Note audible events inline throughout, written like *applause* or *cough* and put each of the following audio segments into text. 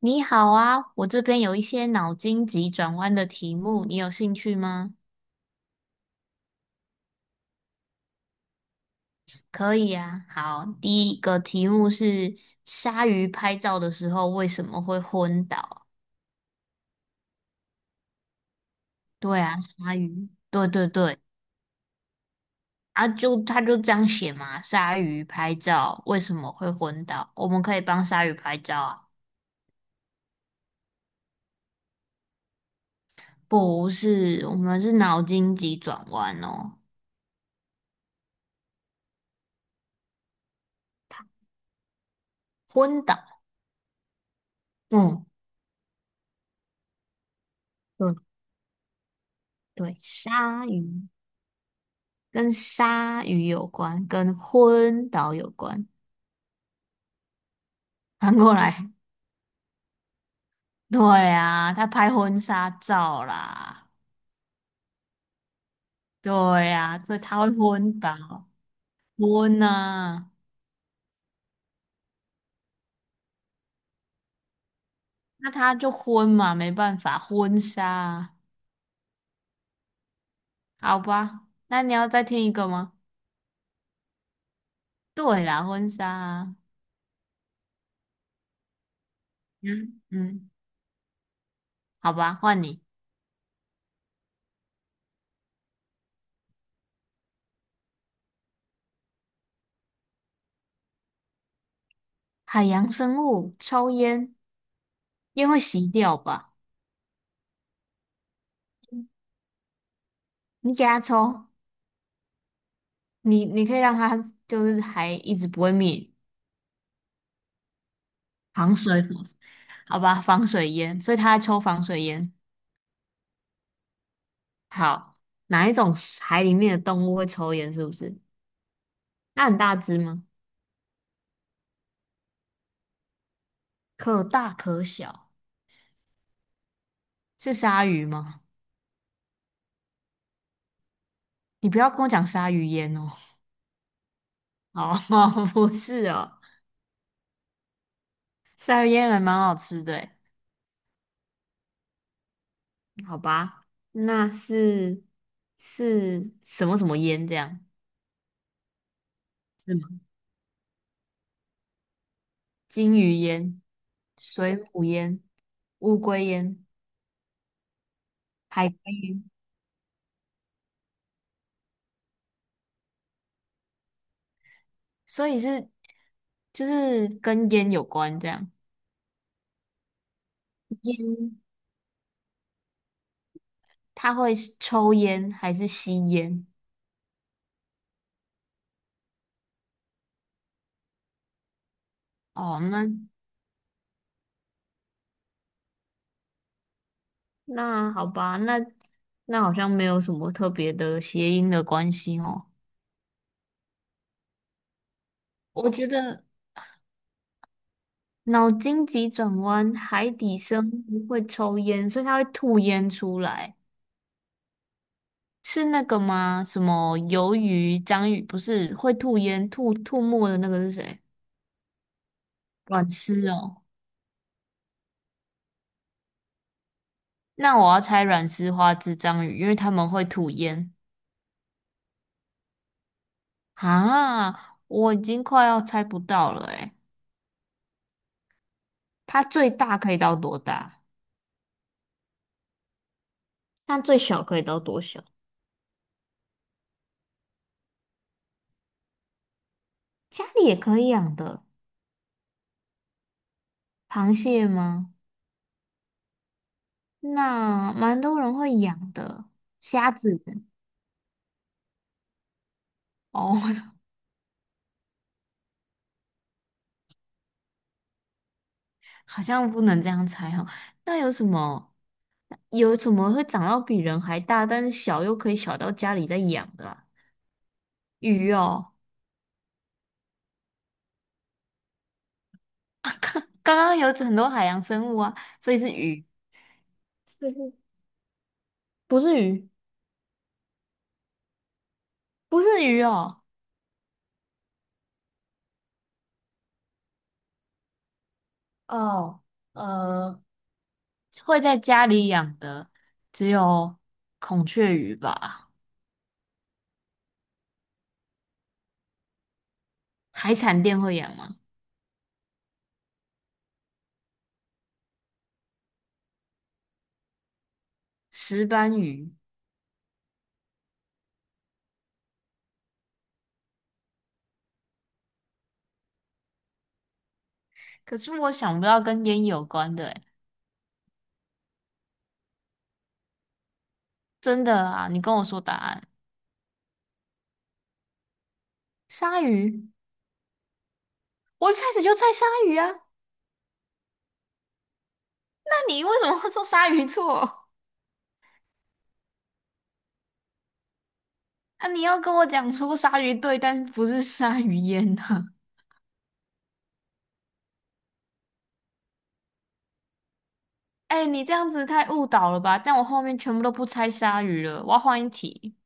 你好啊，我这边有一些脑筋急转弯的题目，你有兴趣吗？可以啊，好，第一个题目是鲨鱼拍照的时候为什么会昏倒？对啊，鲨鱼，对，啊就他就这样写嘛，鲨鱼拍照为什么会昏倒？我们可以帮鲨鱼拍照啊？不是，我们是脑筋急转弯哦，昏倒，嗯，对对，鲨鱼。跟鲨鱼有关，跟昏倒有关。翻过来，*laughs* 对啊，他拍婚纱照啦，对啊，所以他会昏倒，昏啊，那他就昏嘛，没办法，婚纱啊。好吧，那你要再听一个吗？对啦，婚纱啊。嗯嗯，好吧，换你。海洋生物抽烟，烟会熄掉吧？你给它抽，你可以让它就是还一直不会灭。防水火，好吧，防水烟，所以他在抽防水烟。好，哪一种海里面的动物会抽烟？是不是？那很大只吗？可大可小，是鲨鱼吗？你不要跟我讲鲨鱼烟哦。哦，*laughs* 不是哦，鲨鱼烟还蛮好吃的诶。好吧，那是是什么烟这样？是吗？金鱼烟、水母烟、乌龟烟、海龟烟。所以是就是跟烟有关这样。烟，他会抽烟还是吸烟？哦，那好吧，那好像没有什么特别的谐音的关系哦。我觉得脑筋急转弯，海底生物会抽烟，所以它会吐烟出来，是那个吗？什么鱿鱼、章鱼不是会吐烟、吐吐沫的那个是谁？阮丝哦。那我要猜软丝花枝章鱼，因为他们会吐烟。啊，我已经快要猜不到了诶，它最大可以到多大？那最小可以到多小？家里也可以养的，螃蟹吗？那蛮多人会养的，虾子。哦，*laughs* 好像不能这样猜哦。那有什么会长到比人还大，但是小又可以小到家里在养的啊？鱼哦，*laughs* 刚刚有很多海洋生物啊，所以是鱼。就是。不是鱼，不是鱼哦，哦，呃，会在家里养的只有孔雀鱼吧？海产店会养吗？石斑鱼，可是我想不到跟烟有关的诶，真的啊，你跟我说答案。鲨鱼，我一开始就猜鲨鱼啊，那你为什么会说鲨鱼错？啊，你要跟我讲说鲨鱼对，但是不是鲨鱼烟呢、啊？哎，你这样子太误导了吧？这样我后面全部都不猜鲨鱼了，我要换一题。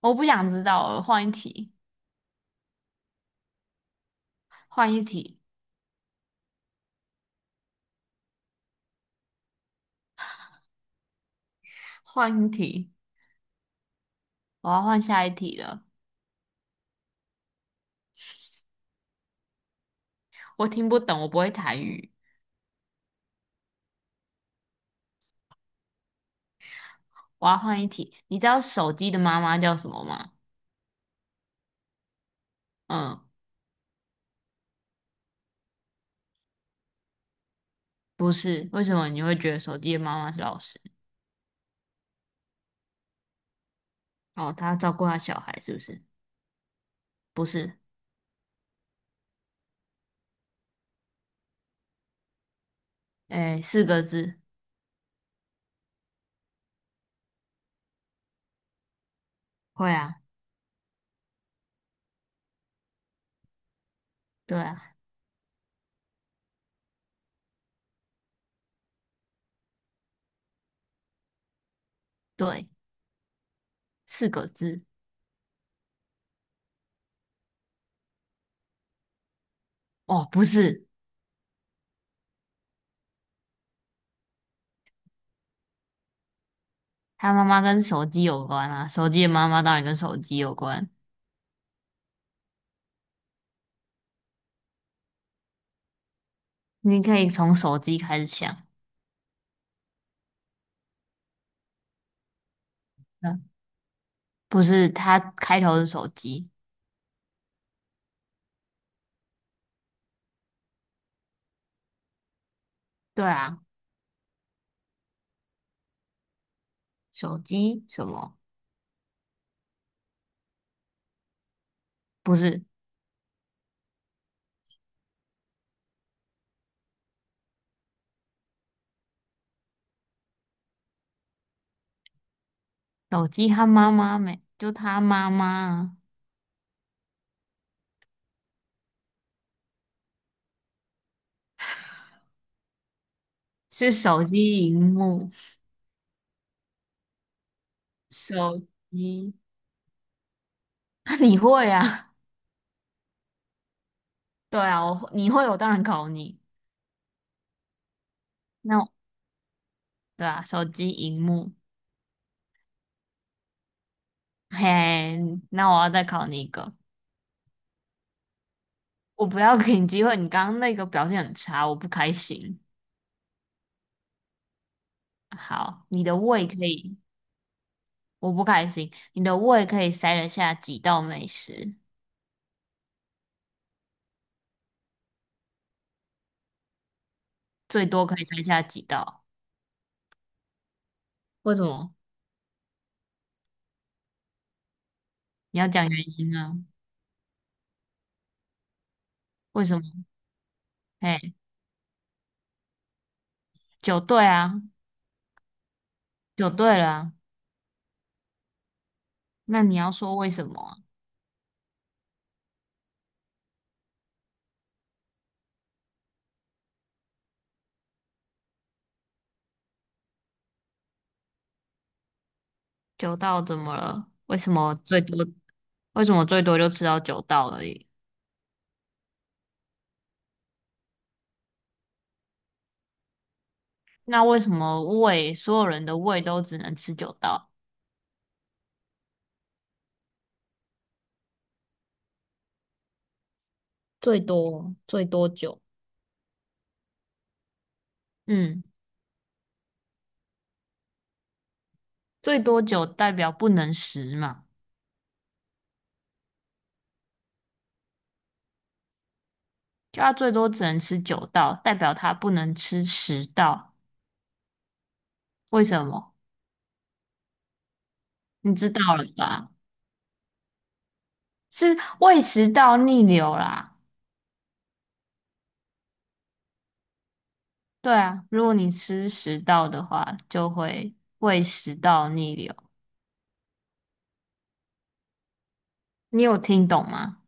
我不想知道了，换一题，换一题，换一题，我要换下一题了。我听不懂，我不会台语，我要换一题。你知道手机的妈妈叫什么吗？嗯，不是，为什么你会觉得手机的妈妈是老师？哦，她照顾她小孩是不是？不是，诶，四个字，会啊，对啊，对，四个字。哦，不是，她妈妈跟手机有关啊，手机的妈妈当然跟手机有关。你可以从手机开始想。不是，他开头是手机。对啊，手机什么？不是，手机他妈妈没，就他妈妈啊是手机荧幕，手机。*laughs* 你会啊？对啊，我你会，我当然考你。那我对啊，手机荧幕。嘿，那我要再考你一个。我不要给你机会，你刚刚那个表现很差，我不开心。好，你的胃可以，我不开心。你的胃可以塞得下几道美食？最多可以猜下几道？为什么？你要讲原因啊？为什么？哎，九对啊，九对了啊那你要说为什么啊？九道怎么了？为什么最多？为什么最多就吃到九道而已？那为什么胃所有人的胃都只能吃九道？最多最多九，嗯，最多九代表不能十嘛，就他最多只能吃九道，代表他不能吃十道。为什么？你知道了吧？是胃食道逆流啦。对啊，如果你吃食道的话，就会胃食道逆流。你有听懂吗？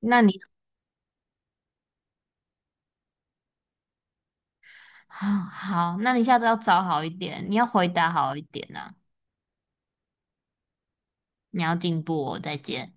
那你 *sighs* 啊好，那你下次要找好一点，你要回答好一点啊，你要进步哦，再见。